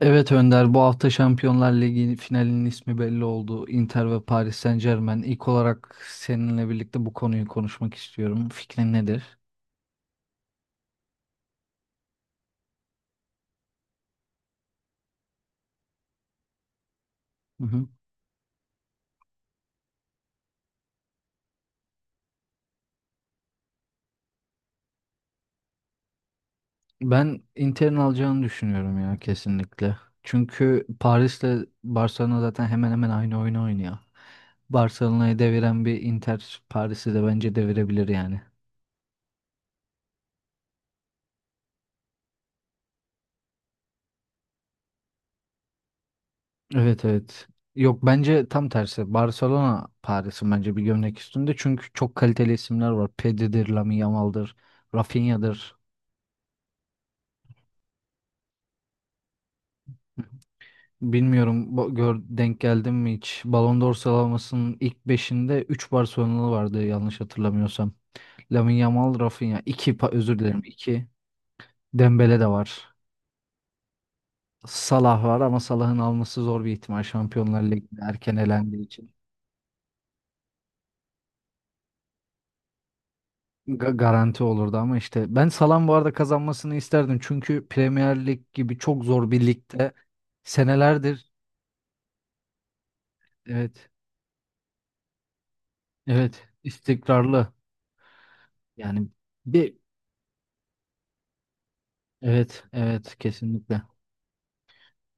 Evet Önder, bu hafta Şampiyonlar Ligi finalinin ismi belli oldu. Inter ve Paris Saint-Germain. İlk olarak seninle birlikte bu konuyu konuşmak istiyorum. Fikrin nedir? Hı hı. Ben Inter'in alacağını düşünüyorum ya, kesinlikle. Çünkü Paris'le Barcelona zaten hemen hemen aynı oyunu oynuyor. Barcelona'yı deviren bir Inter Paris'i de bence devirebilir yani. Evet, evet. Yok, bence tam tersi. Barcelona Paris'in bence bir gömlek üstünde. Çünkü çok kaliteli isimler var. Pedri'dir, Lamine Yamal'dır, Rafinha'dır. Bilmiyorum, denk geldim mi hiç? Ballon d'Or sıralamasının ilk beşinde 3 Barcelonalı vardı yanlış hatırlamıyorsam. Lamine Yamal, Rafinha. 2, özür dilerim, 2 Dembele de var. Salah var ama Salah'ın alması zor bir ihtimal, Şampiyonlar Ligi'nde erken elendiği için. Garanti olurdu ama işte ben Salah'ın bu arada kazanmasını isterdim. Çünkü Premier Lig gibi çok zor bir ligde senelerdir, evet, evet, istikrarlı yani. bir evet, evet, kesinlikle.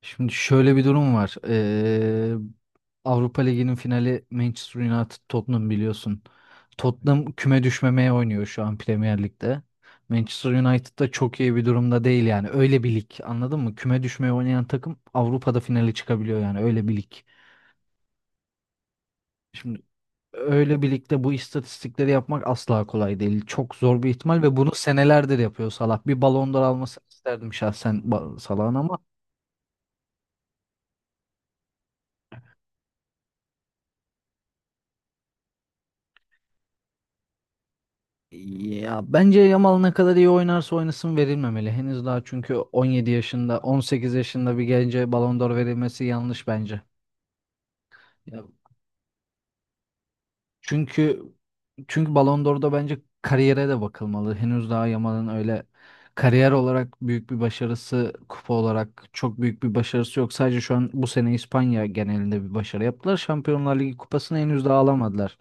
Şimdi şöyle bir durum var. Avrupa Ligi'nin finali Manchester United Tottenham, biliyorsun. Tottenham küme düşmemeye oynuyor şu an Premier Lig'de. Manchester United da çok iyi bir durumda değil yani. Öyle bir lig, anladın mı? Küme düşmeye oynayan takım Avrupa'da finale çıkabiliyor, yani öyle bir lig. Şimdi öyle bir ligde bu istatistikleri yapmak asla kolay değil. Çok zor bir ihtimal ve bunu senelerdir yapıyor Salah. Bir Ballon d'Or almasını isterdim şahsen, Salah'ın ama. Ya bence Yamal ne kadar iyi oynarsa oynasın verilmemeli. Henüz daha çünkü 17 yaşında, 18 yaşında bir gence Ballon d'Or verilmesi yanlış bence. Ya, çünkü çünkü Ballon d'Or'da bence kariyere de bakılmalı. Henüz daha Yamal'ın öyle kariyer olarak büyük bir başarısı, kupa olarak çok büyük bir başarısı yok. Sadece şu an bu sene İspanya genelinde bir başarı yaptılar. Şampiyonlar Ligi kupasını henüz daha alamadılar.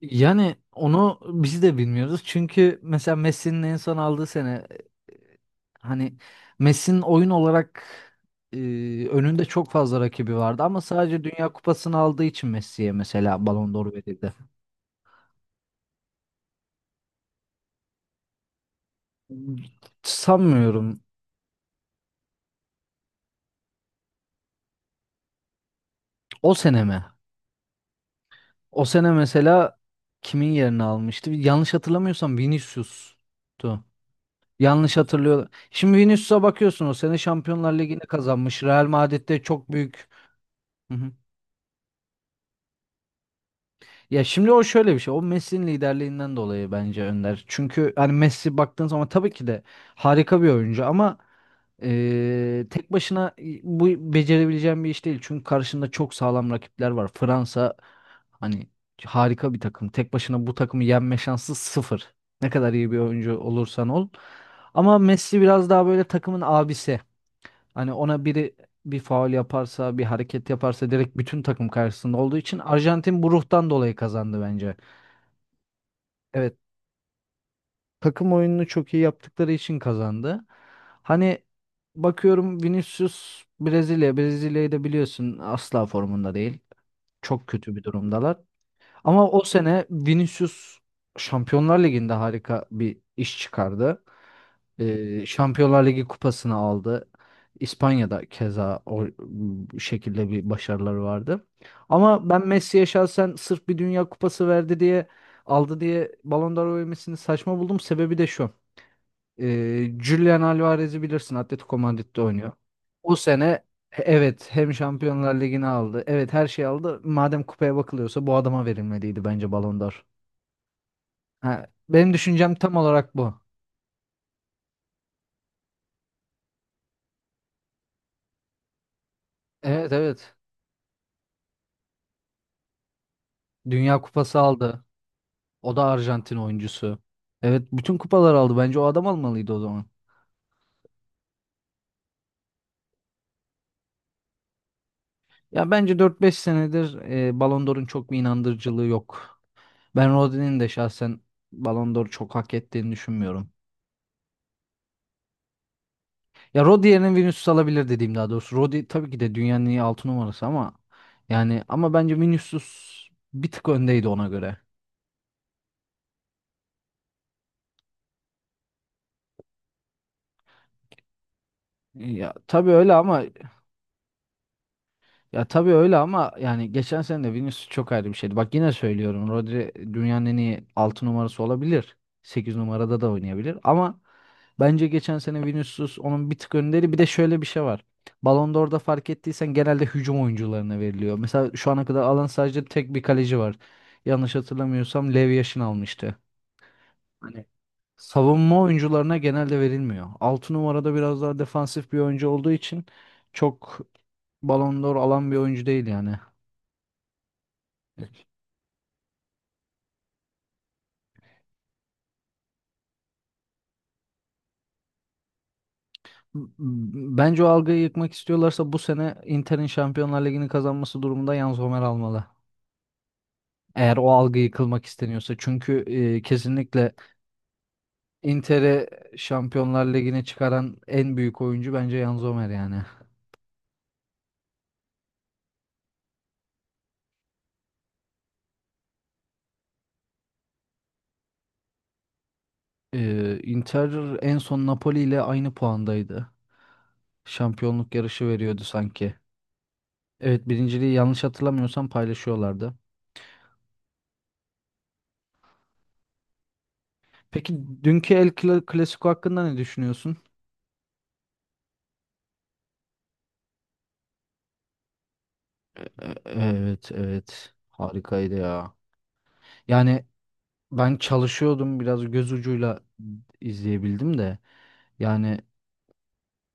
Yani onu biz de bilmiyoruz. Çünkü mesela Messi'nin en son aldığı sene, e, hani Messi'nin oyun olarak, e, önünde çok fazla rakibi vardı ama sadece Dünya Kupası'nı aldığı için Messi'ye mesela Ballon d'Or verildi. Sanmıyorum. O sene mi? O sene mesela kimin yerini almıştı? Yanlış hatırlamıyorsam Vinicius'tu. Yanlış hatırlıyorum. Şimdi Vinicius'a bakıyorsun, o sene Şampiyonlar Ligi'ni kazanmış. Real Madrid'de çok büyük. Ya şimdi o şöyle bir şey. O Messi'nin liderliğinden dolayı bence, Önder. Çünkü hani Messi baktığın zaman tabii ki de harika bir oyuncu ama tek başına bu becerebileceğim bir iş değil. Çünkü karşında çok sağlam rakipler var. Fransa, hani, harika bir takım. Tek başına bu takımı yenme şansı sıfır. Ne kadar iyi bir oyuncu olursan ol. Ama Messi biraz daha böyle takımın abisi. Hani ona biri bir faul yaparsa, bir hareket yaparsa direkt bütün takım karşısında olduğu için Arjantin bu ruhtan dolayı kazandı bence. Evet, takım oyununu çok iyi yaptıkları için kazandı. Hani bakıyorum, Vinicius Brezilya, Brezilya'yı da biliyorsun asla formunda değil. Çok kötü bir durumdalar. Ama o sene Vinicius Şampiyonlar Ligi'nde harika bir iş çıkardı. Şampiyonlar Ligi kupasını aldı. İspanya'da keza o, bu şekilde bir başarıları vardı. Ama ben Messi'ye şahsen, sırf bir Dünya Kupası verdi diye aldı diye Ballon d'Or vermesini saçma buldum. Sebebi de şu. Julian Alvarez'i bilirsin, Atletico Madrid'de oynuyor. O sene, evet, hem Şampiyonlar Ligi'ni aldı. Evet, her şeyi aldı. Madem kupaya bakılıyorsa bu adama verilmeliydi bence Ballon d'Or. Ha, benim düşüncem tam olarak bu. Evet, evet. Dünya Kupası aldı. O da Arjantin oyuncusu. Evet, bütün kupalar aldı. Bence o adam almalıydı o zaman. Ya bence dört beş senedir, Ballon d'Or'un çok bir inandırıcılığı yok. Ben Rodri'nin de şahsen Ballon d'Or çok hak ettiğini düşünmüyorum. Ya, Rodri yerine Vinicius alabilir dediğim, daha doğrusu. Rodri tabii ki de dünyanın en iyi 6 numarası ama, yani ama bence Vinicius bir tık öndeydi ona göre. Ya tabii öyle ama Ya tabii öyle ama yani geçen sene de Vinicius çok ayrı bir şeydi. Bak, yine söylüyorum, Rodri dünyanın en iyi 6 numarası olabilir, 8 numarada da oynayabilir ama bence geçen sene Vinicius onun bir tık önderi. Bir de şöyle bir şey var. Ballon d'Or'da fark ettiysen genelde hücum oyuncularına veriliyor. Mesela şu ana kadar alan sadece tek bir kaleci var. Yanlış hatırlamıyorsam Lev Yashin almıştı. Hani savunma oyuncularına genelde verilmiyor. 6 numarada biraz daha defansif bir oyuncu olduğu için çok Ballon d'Or alan bir oyuncu değil yani. Bence o algıyı yıkmak istiyorlarsa bu sene Inter'in Şampiyonlar Ligi'ni kazanması durumunda Jan Sommer almalı. Eğer o algı yıkılmak isteniyorsa. Çünkü, kesinlikle Inter'e Şampiyonlar Ligi'ne çıkaran en büyük oyuncu bence Jan Sommer yani. Inter en son Napoli ile aynı puandaydı. Şampiyonluk yarışı veriyordu sanki. Evet, birinciliği yanlış hatırlamıyorsam paylaşıyorlardı. Peki, dünkü Clasico hakkında ne düşünüyorsun? Evet, evet, harikaydı ya. Yani, ben çalışıyordum, biraz göz ucuyla izleyebildim de, yani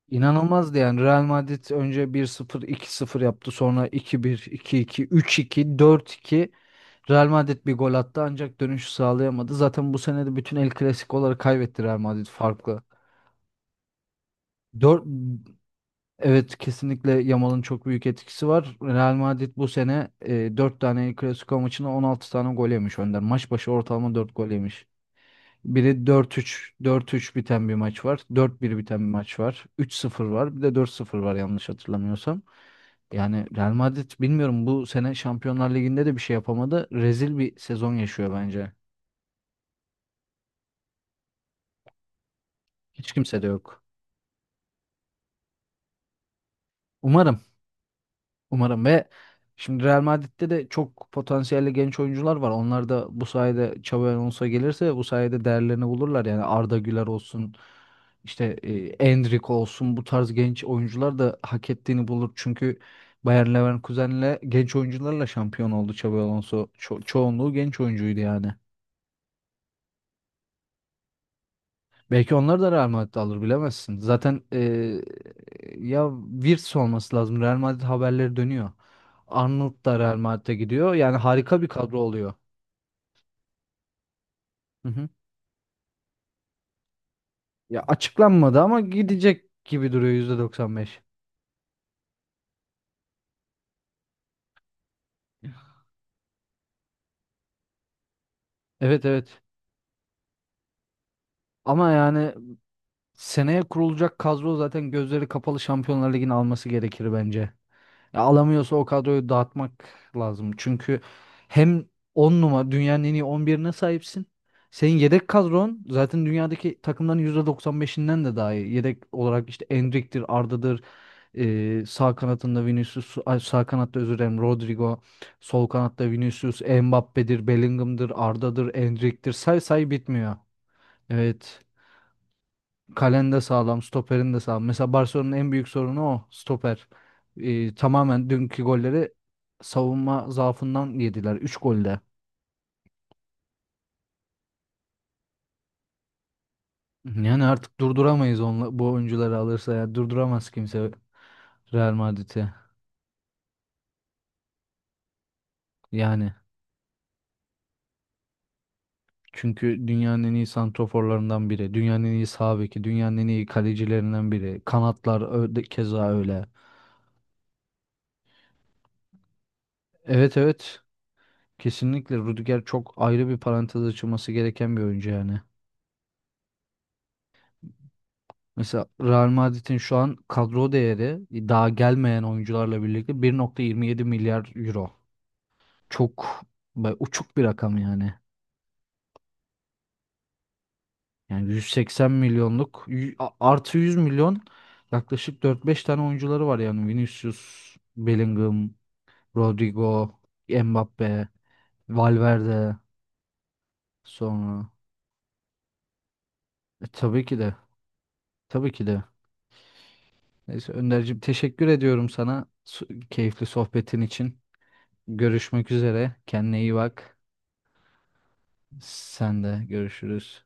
inanılmazdı yani. Real Madrid önce 1-0, 2-0 yaptı, sonra 2-1, 2-2, 3-2, 4-2. Real Madrid bir gol attı ancak dönüşü sağlayamadı. Zaten bu sene de bütün El Clasico'ları kaybetti Real Madrid farklı. 4 evet, kesinlikle Yamal'ın çok büyük etkisi var. Real Madrid bu sene, 4 tane El Clasico maçına 16 tane gol yemiş, Önder. Maç başı ortalama 4 gol yemiş. Biri 4-3, 4-3 biten bir maç var. Dört 1 biten bir maç var. 3-0 var. Bir de 4-0 var yanlış hatırlamıyorsam. Yani Real Madrid, bilmiyorum, bu sene Şampiyonlar Ligi'nde de bir şey yapamadı. Rezil bir sezon yaşıyor bence. Hiç kimse de yok. Umarım. Umarım ve şimdi Real Madrid'de de çok potansiyelli genç oyuncular var. Onlar da bu sayede, Xabi Alonso gelirse, bu sayede değerlerini bulurlar. Yani Arda Güler olsun, işte, Endrick olsun, bu tarz genç oyuncular da hak ettiğini bulur. Çünkü Bayer Leverkusen'le genç oyuncularla şampiyon oldu Xabi Alonso. Çoğunluğu genç oyuncuydu yani. Belki onları da Real Madrid alır, bilemezsin. Zaten ya, Wirtz olması lazım. Real Madrid haberleri dönüyor. Arnold da Real Madrid'e gidiyor. Yani harika bir kadro oluyor. Hı hı. Ya açıklanmadı ama gidecek gibi duruyor %95. Evet, evet. Ama yani seneye kurulacak kadro zaten gözleri kapalı Şampiyonlar Ligi'ni alması gerekir bence. Ya alamıyorsa o kadroyu dağıtmak lazım. Çünkü hem 10 numara dünyanın en iyi 11'ine sahipsin. Senin yedek kadron zaten dünyadaki takımların %95'inden de daha iyi. Yedek olarak işte Endrick'tir, Arda'dır, sağ kanatında Vinicius, ay, sağ kanatta özür dilerim, Rodrigo, sol kanatta Vinicius, Mbappe'dir, Bellingham'dır, Arda'dır, Endrick'tir. Say say bitmiyor. Evet. Kalen de sağlam, stoperin de sağlam. Mesela Barcelona'nın en büyük sorunu o, stoper. Tamamen dünkü golleri savunma zaafından yediler, üç golde. Yani artık durduramayız onla, bu oyuncuları alırsa ya, durduramaz kimse Real Madrid'i. Yani çünkü dünyanın en iyi santroforlarından biri, dünyanın en iyi sağ beki, dünyanın en iyi kalecilerinden biri. Kanatlar öyle, keza öyle. Evet, evet, kesinlikle Rudiger çok ayrı bir parantez açılması gereken bir oyuncu yani. Mesela Real Madrid'in şu an kadro değeri, daha gelmeyen oyuncularla birlikte, 1,27 milyar euro. Çok uçuk bir rakam yani. Yani 180 milyonluk artı 100 milyon, yaklaşık dört beş tane oyuncuları var yani. Vinicius, Bellingham, Rodrigo, Mbappe, Valverde sonra. Tabii ki de. Tabii ki de. Neyse Önderciğim, teşekkür ediyorum sana, keyifli sohbetin için. Görüşmek üzere. Kendine iyi bak. Sen de, görüşürüz.